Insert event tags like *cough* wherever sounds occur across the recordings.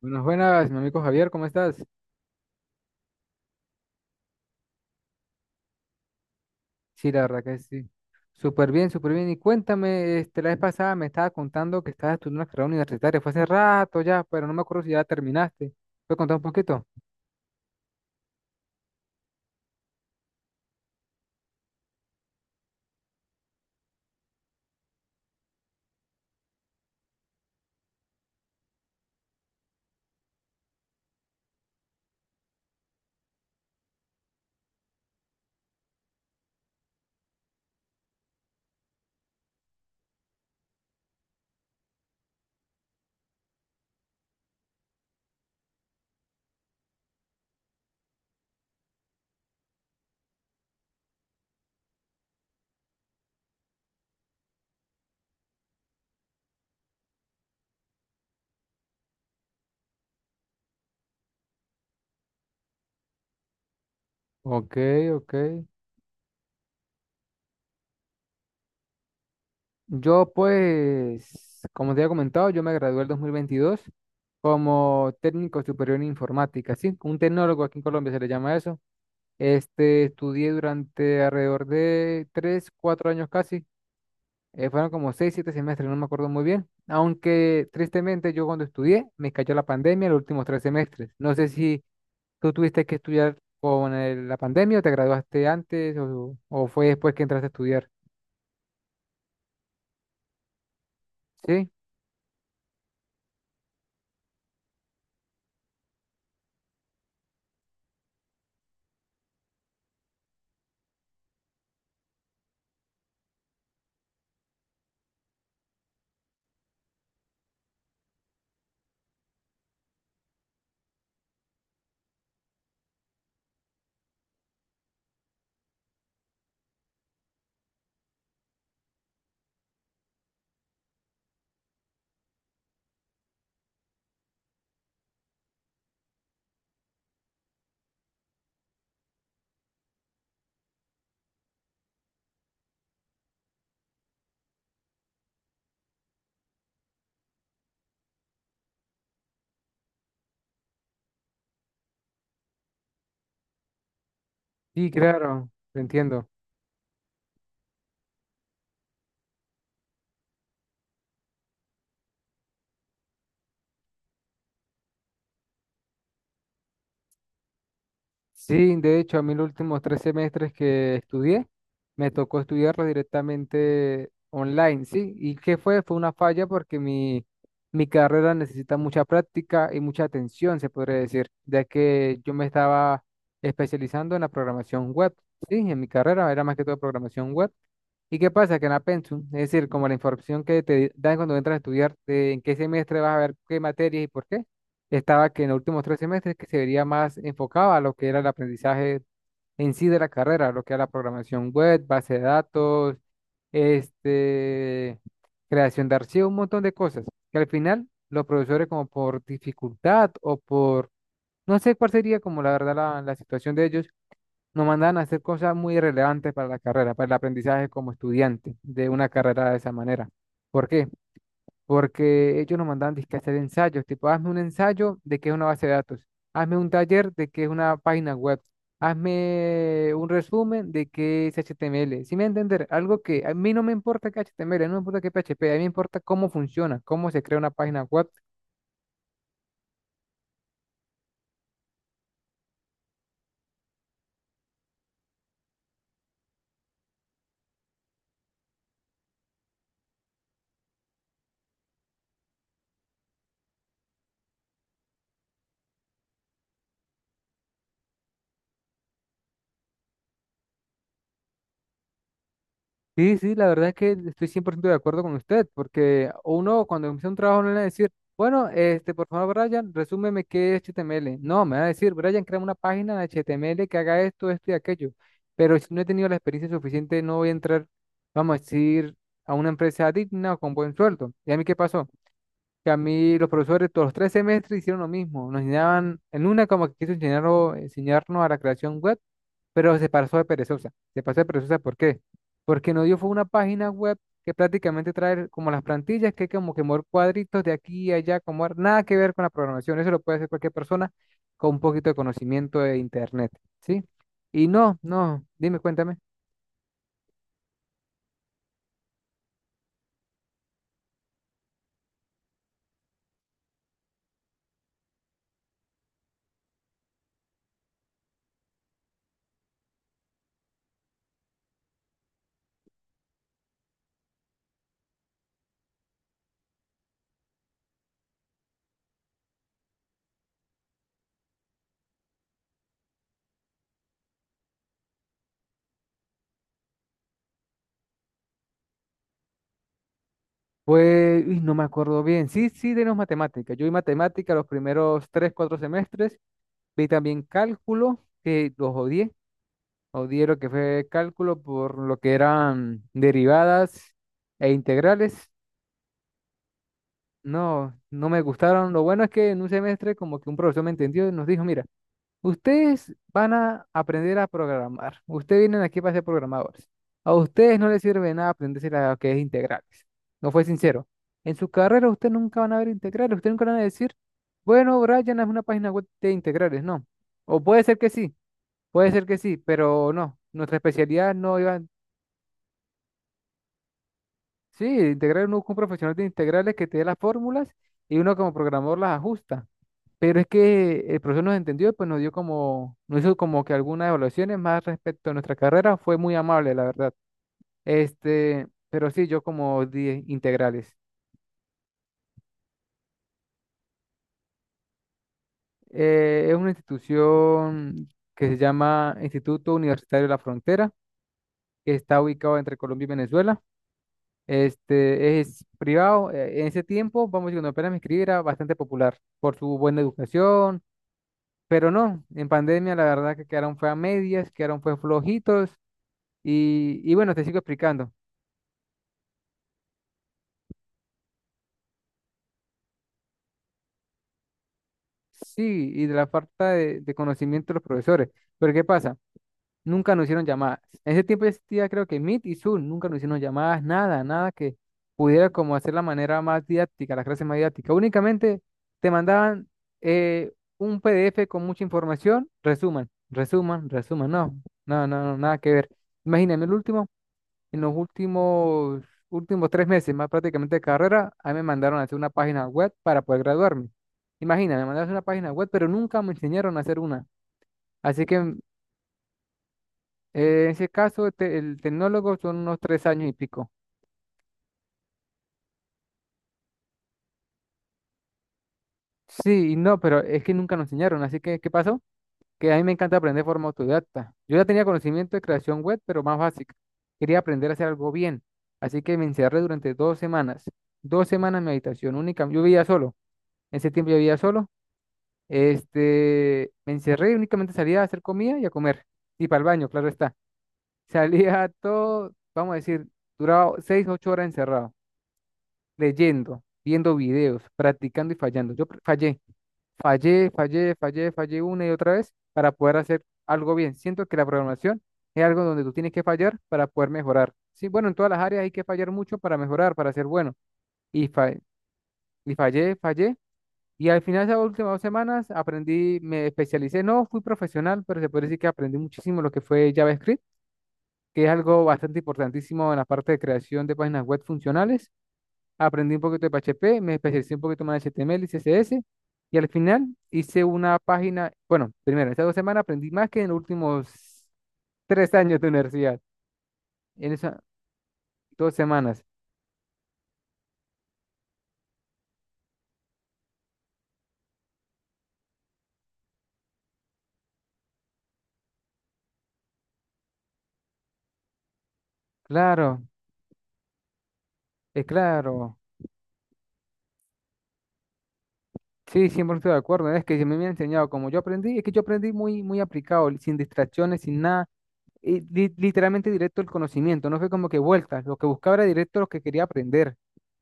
Buenas, buenas, mi amigo Javier, ¿cómo estás? Sí, la verdad que sí. Súper bien, súper bien. Y cuéntame, este, la vez pasada me estaba contando que estabas estudiando una carrera universitaria. Fue hace rato ya, pero no me acuerdo si ya terminaste. ¿Puedes contar un poquito? Ok, ok. Yo, pues, como te había comentado, yo me gradué el 2022 como técnico superior en informática, ¿sí? Un tecnólogo aquí en Colombia se le llama eso. Este, estudié durante alrededor de tres, cuatro años casi. Fueron como seis, siete semestres, no me acuerdo muy bien. Aunque tristemente yo cuando estudié me cayó la pandemia los últimos tres semestres. No sé si tú tuviste que estudiar con la pandemia o te graduaste antes o fue después que entraste a estudiar. Sí, sí, claro, te entiendo. Sí, de hecho, a mí los últimos tres semestres que estudié, me tocó estudiarlo directamente online, ¿sí? ¿Y qué fue? Fue una falla porque mi carrera necesita mucha práctica y mucha atención, se podría decir, ya que yo me estaba especializando en la programación web, ¿sí? En mi carrera era más que todo programación web. ¿Y qué pasa? Que en la pensum, es decir, como la información que te dan cuando entras a estudiar, de en qué semestre vas a ver qué materias y por qué estaba que en los últimos tres semestres que se vería más enfocado a lo que era el aprendizaje en sí de la carrera, lo que era la programación web, base de datos, este, creación de archivos, un montón de cosas, que al final los profesores como por dificultad o por, no sé cuál sería como la verdad la situación de ellos, nos mandan a hacer cosas muy relevantes para la carrera, para el aprendizaje como estudiante de una carrera de esa manera. ¿Por qué? Porque ellos nos mandaban dizque a hacer ensayos, tipo, hazme un ensayo de qué es una base de datos, hazme un taller de qué es una página web, hazme un resumen de qué es HTML. Si me entender, algo que a mí no me importa que HTML, no me importa que PHP, a mí me importa cómo funciona, cómo se crea una página web. Sí, sí, la verdad es que estoy 100% de acuerdo con usted, porque uno cuando empieza un trabajo no le va a decir, bueno, este, por favor, Brian, resúmeme qué es HTML. No, me va a decir, Brian, crea una página de HTML que haga esto, esto y aquello. Pero si no he tenido la experiencia suficiente, no voy a entrar, vamos a decir, a una empresa digna o con buen sueldo. ¿Y a mí qué pasó? Que a mí los profesores todos los tres semestres hicieron lo mismo. Nos enseñaban, en una como que quiso enseñarnos, enseñarnos a la creación web, pero se pasó de perezosa. Se pasó de perezosa, ¿por qué? Porque nos dio fue una página web que prácticamente trae como las plantillas, que hay como que mover cuadritos de aquí y allá, como nada que ver con la programación. Eso lo puede hacer cualquier persona con un poquito de conocimiento de internet, ¿sí? Y no, no, dime, cuéntame. Pues, uy, no me acuerdo bien. Sí, sí, tenemos matemáticas. Yo vi matemática los primeros tres, cuatro semestres. Vi también cálculo, que los odié. Odié lo que fue cálculo por lo que eran derivadas e integrales. No, no me gustaron. Lo bueno es que en un semestre como que un profesor me entendió y nos dijo, mira, ustedes van a aprender a programar. Ustedes vienen aquí para ser programadores. A ustedes no les sirve nada aprenderse lo que es integrales. No fue sincero. En su carrera ustedes nunca van a ver integrales. Ustedes nunca van a decir, bueno, Brian, es una página web de integrales. No. O puede ser que sí, puede ser que sí, pero no. Nuestra especialidad no iba. Sí, integrar uno con un profesional de integrales que te dé las fórmulas y uno como programador las ajusta. Pero es que el profesor nos entendió y pues nos dio como, nos hizo como que algunas evaluaciones más respecto a nuestra carrera. Fue muy amable, la verdad. Este, pero sí, yo como di integrales. Es una institución que se llama Instituto Universitario de la Frontera, que está ubicado entre Colombia y Venezuela. Este es privado. En ese tiempo, vamos a decir, cuando apenas me inscribí, era bastante popular por su buena educación. Pero no, en pandemia la verdad que quedaron fue a medias, quedaron fue flojitos y bueno, te sigo explicando. Sí, y de la falta de conocimiento de los profesores. Pero ¿qué pasa? Nunca nos hicieron llamadas. En ese tiempo existía creo que Meet y Zoom, nunca nos hicieron llamadas, nada, nada que pudiera como hacer la manera más didáctica, la clase más didáctica. Únicamente te mandaban eh, un PDF con mucha información, resuman, resuman, resuman, no, no, no, no, nada que ver. Imagíname el último. En los últimos, últimos tres meses, más prácticamente de carrera, a mí me mandaron a hacer una página web para poder graduarme. Imagina, me mandaron a hacer una página web, pero nunca me enseñaron a hacer una. Así que en ese caso, el tecnólogo son unos tres años y pico. Sí, y no, pero es que nunca nos enseñaron. Así que, ¿qué pasó? Que a mí me encanta aprender de forma autodidacta. Yo ya tenía conocimiento de creación web, pero más básica. Quería aprender a hacer algo bien. Así que me encerré durante dos semanas. Dos semanas en mi habitación única. Yo vivía solo. En ese tiempo yo vivía solo. Este, me encerré y únicamente salía a hacer comida y a comer. Y para el baño, claro está. *laughs* Salía todo, vamos a decir, duraba seis, ocho horas encerrado, leyendo, viendo videos, practicando y fallando. Fallé, fallé, fallé, fallé, fallé una y otra vez para poder hacer algo bien. Siento que la programación es algo donde tú tienes que fallar para poder mejorar. Sí, bueno, en todas las áreas hay que fallar mucho para mejorar, para ser bueno. Y, fa- y fallé, fallé. Y al final de esas últimas dos semanas aprendí, me especialicé, no fui profesional, pero se puede decir que aprendí muchísimo lo que fue JavaScript, que es algo bastante importantísimo en la parte de creación de páginas web funcionales. Aprendí un poquito de PHP, me especialicé un poquito más en HTML y CSS. Y al final hice una página, bueno, primero, estas dos semanas aprendí más que en los últimos tres años de universidad. En esas dos semanas. Claro, es claro. Sí, 100% de acuerdo. Es que se me había enseñado como yo aprendí, es que yo aprendí muy, muy aplicado, sin distracciones, sin nada, y literalmente directo el conocimiento, no fue como que vueltas, lo que buscaba era directo lo que quería aprender.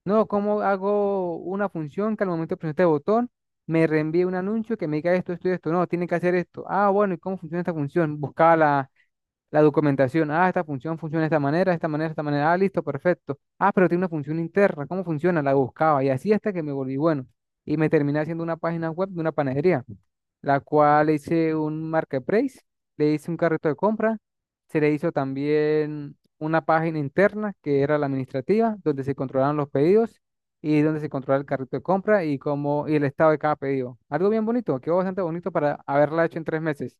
No, ¿cómo hago una función que al momento de presionar este botón me reenvíe un anuncio que me diga esto, esto y esto? No, tiene que hacer esto. Ah, bueno, ¿y cómo funciona esta función? Buscaba la documentación, ah, esta función funciona de esta manera, de esta manera, de esta manera, ah, listo, perfecto. Ah, pero tiene una función interna, ¿cómo funciona? La buscaba y así hasta que me volví bueno. Y me terminé haciendo una página web de una panadería, la cual le hice un marketplace, le hice un carrito de compra, se le hizo también una página interna que era la administrativa, donde se controlaban los pedidos y donde se controlaba el carrito de compra y, cómo, y el estado de cada pedido. Algo bien bonito, quedó bastante bonito para haberla hecho en tres meses.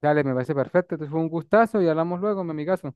Dale, me parece perfecto. Entonces fue un gustazo y hablamos luego, mi amigazo.